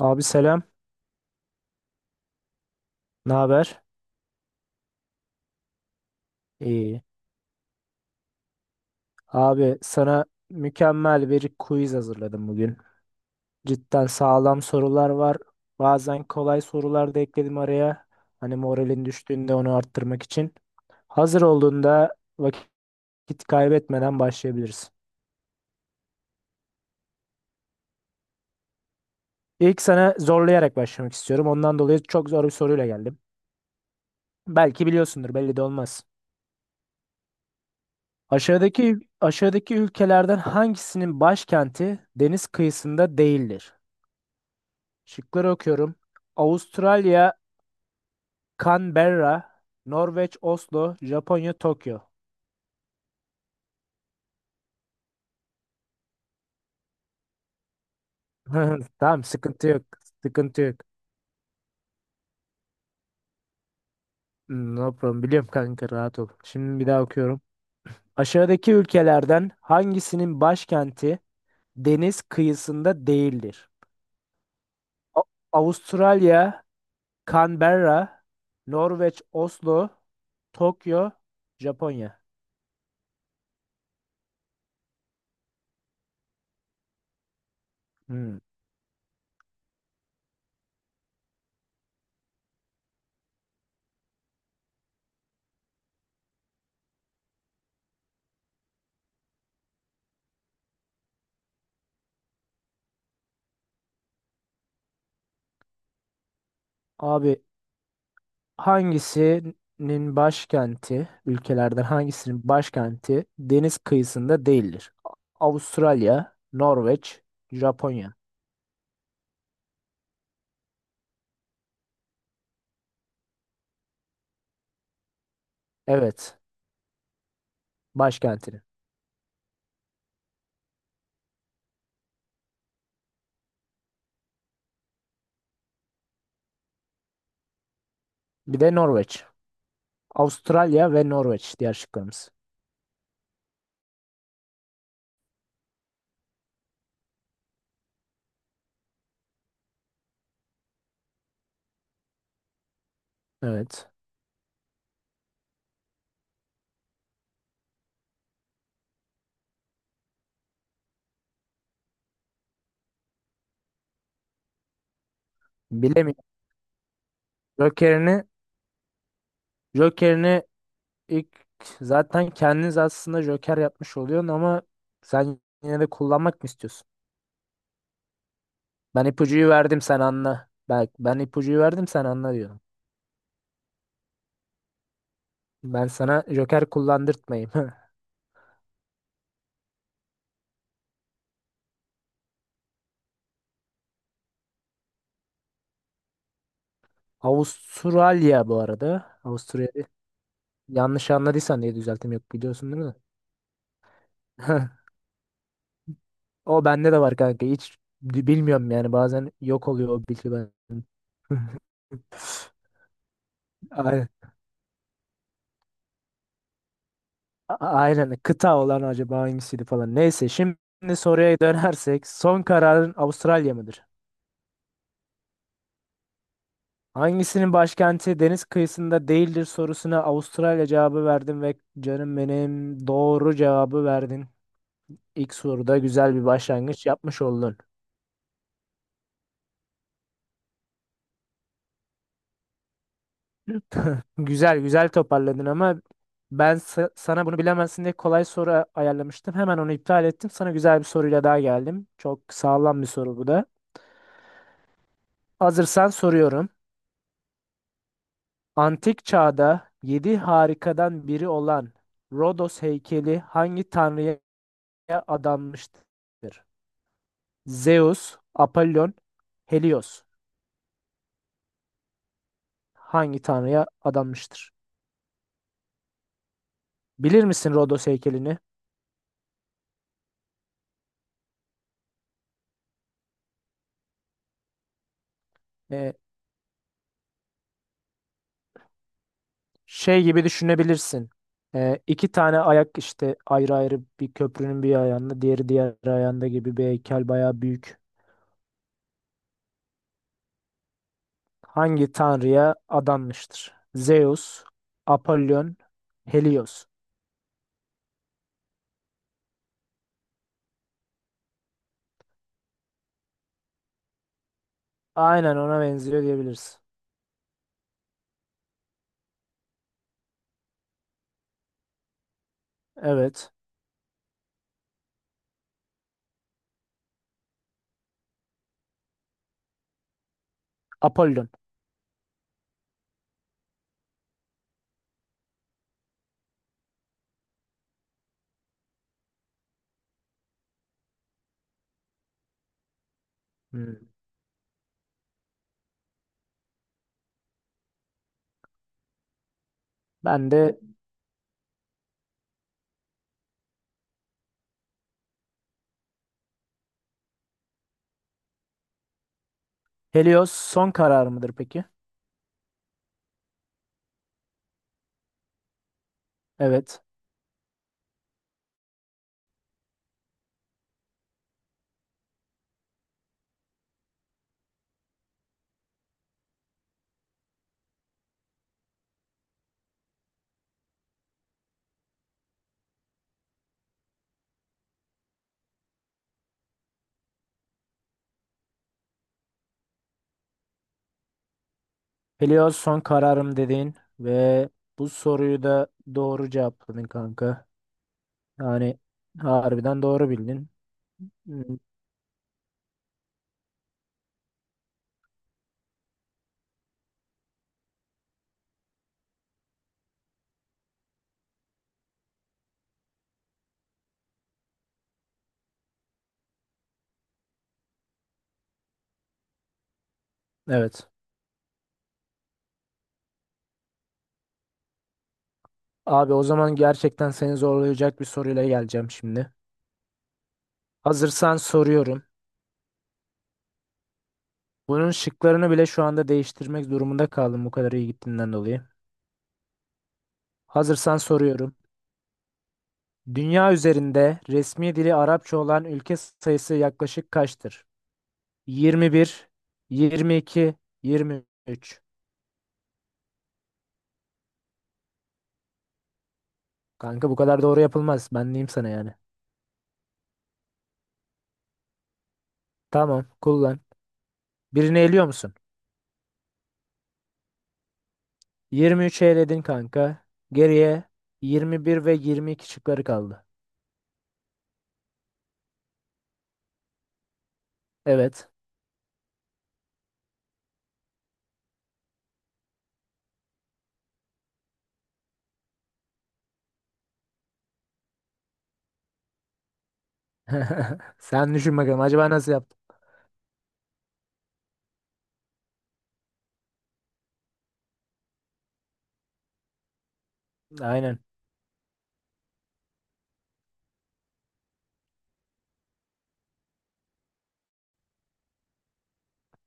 Abi selam. Ne haber? İyi. Abi sana mükemmel bir quiz hazırladım bugün. Cidden sağlam sorular var. Bazen kolay sorular da ekledim araya. Hani moralin düştüğünde onu arttırmak için. Hazır olduğunda vakit kaybetmeden başlayabiliriz. İlk sana zorlayarak başlamak istiyorum. Ondan dolayı çok zor bir soruyla geldim. Belki biliyorsundur, belli de olmaz. Aşağıdaki ülkelerden hangisinin başkenti deniz kıyısında değildir? Şıkları okuyorum. Avustralya, Canberra, Norveç, Oslo, Japonya, Tokyo. Tamam, sıkıntı yok. Sıkıntı yok. No problem. Biliyorum kanka, rahat ol. Şimdi bir daha okuyorum. Aşağıdaki ülkelerden hangisinin başkenti deniz kıyısında değildir? A- Avustralya, Canberra, Norveç, Oslo, Tokyo, Japonya. Hmm. Abi, hangisinin başkenti, ülkelerden hangisinin başkenti deniz kıyısında değildir? Avustralya, Norveç, Japonya. Evet, başkentinin. Bir de Norveç. Avustralya ve Norveç diğer şıklarımız. Evet. Bilemiyorum. Joker'ini Joker'ini ilk zaten kendiniz aslında Joker yapmış oluyorsun ama sen yine de kullanmak mı istiyorsun? Ben ipucuyu verdim, sen anla. Bak, ben ipucuyu verdim sen anla diyorum. Ben sana Joker kullandırtmayayım. Avustralya bu arada. Avusturya. Yanlış anladıysan diye düzelttim, yok biliyorsun değil mi? O bende de var kanka. Hiç bilmiyorum yani, bazen yok oluyor o bilgi ben. Aynen. Aynen. Kıta olan acaba hangisiydi falan. Neyse, şimdi soruya dönersek son kararın Avustralya mıdır? Hangisinin başkenti deniz kıyısında değildir sorusuna Avustralya cevabı verdim ve canım benim, doğru cevabı verdin. İlk soruda güzel bir başlangıç yapmış oldun. Güzel güzel toparladın ama ben sana bunu bilemezsin diye kolay soru ayarlamıştım. Hemen onu iptal ettim. Sana güzel bir soruyla daha geldim. Çok sağlam bir soru bu da. Hazırsan soruyorum. Antik çağda yedi harikadan biri olan Rodos heykeli hangi tanrıya adanmıştır? Zeus, Apollon, Helios. Hangi tanrıya adanmıştır? Bilir misin Rodos heykelini? Ee, Şey gibi düşünebilirsin. İki tane ayak işte ayrı ayrı, bir köprünün bir ayağında, diğeri diğer ayağında gibi bir heykel, bayağı büyük. Hangi tanrıya adanmıştır? Zeus, Apollon, Helios. Aynen, ona benziyor diyebiliriz. Evet. Apollon. Hmm. Ben de. Helios son karar mıdır peki? Evet. Helios son kararım dedin ve bu soruyu da doğru cevapladın kanka. Yani harbiden doğru bildin. Hmm. Evet. Abi, o zaman gerçekten seni zorlayacak bir soruyla geleceğim şimdi. Hazırsan soruyorum. Bunun şıklarını bile şu anda değiştirmek durumunda kaldım, bu kadar iyi gittiğinden dolayı. Hazırsan soruyorum. Dünya üzerinde resmi dili Arapça olan ülke sayısı yaklaşık kaçtır? 21, 22, 23. Kanka bu kadar doğru yapılmaz. Ben diyeyim sana yani. Tamam, kullan. Birini eliyor musun? 23'ü eledin kanka. Geriye 21 ve 22 şıkları kaldı. Evet. Sen düşün bakalım acaba nasıl yaptın? Aynen.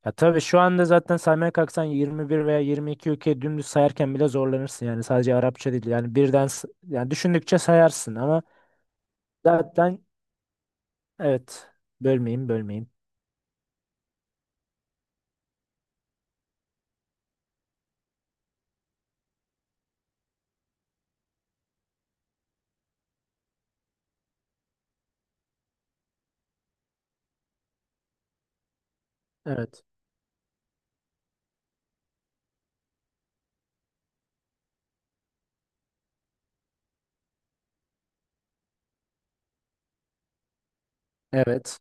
Ya tabii şu anda zaten saymaya kalksan 21 veya 22 ülke dümdüz sayarken bile zorlanırsın yani, sadece Arapça değil yani birden yani düşündükçe sayarsın ama zaten evet bölmeyeyim. Evet. Evet.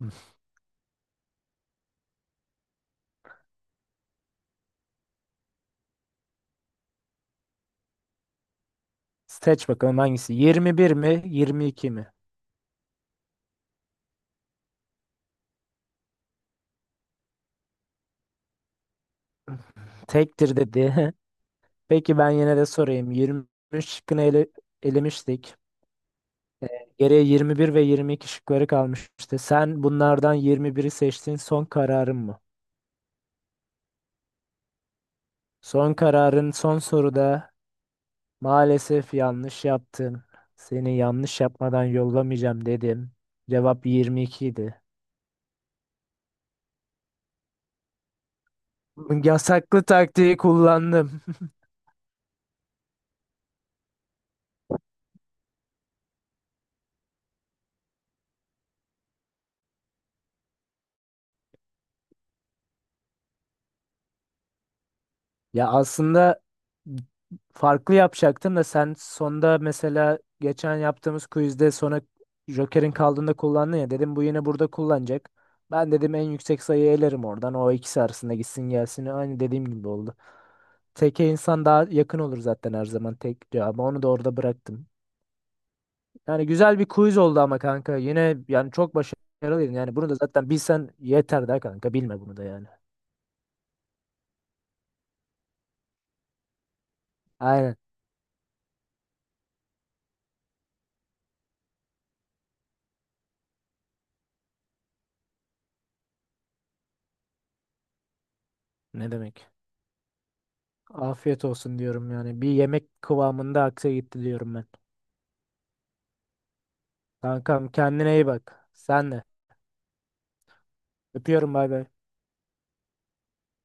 Hı. Seç bakalım hangisi? 21 mi 22 mi? Tektir dedi. Peki ben yine de sorayım. 23 şıkkını elemiştik. Geriye 21 ve 22 şıkları kalmıştı. Sen bunlardan 21'i seçtin. Son kararın mı? Son kararın son soruda maalesef yanlış yaptın. Seni yanlış yapmadan yollamayacağım dedim. Cevap 22 idi. Yasaklı taktiği kullandım. Ya aslında farklı yapacaktım da sen sonda, mesela geçen yaptığımız quizde sonra Joker'in kaldığında kullandın ya, dedim bu yine burada kullanacak. Ben dedim en yüksek sayıyı elerim, oradan o ikisi arasında gitsin gelsin, aynı dediğim gibi oldu. Teke insan daha yakın olur zaten her zaman, tek cevabı onu da orada bıraktım. Yani güzel bir quiz oldu ama kanka, yine yani çok başarılıydın yani, bunu da zaten bilsen yeter de kanka, bilme bunu da yani. Aynen, ne demek. Afiyet olsun diyorum yani. Bir yemek kıvamında aksa gitti diyorum ben. Kankam kendine iyi bak. Sen de. Öpüyorum, bay bay.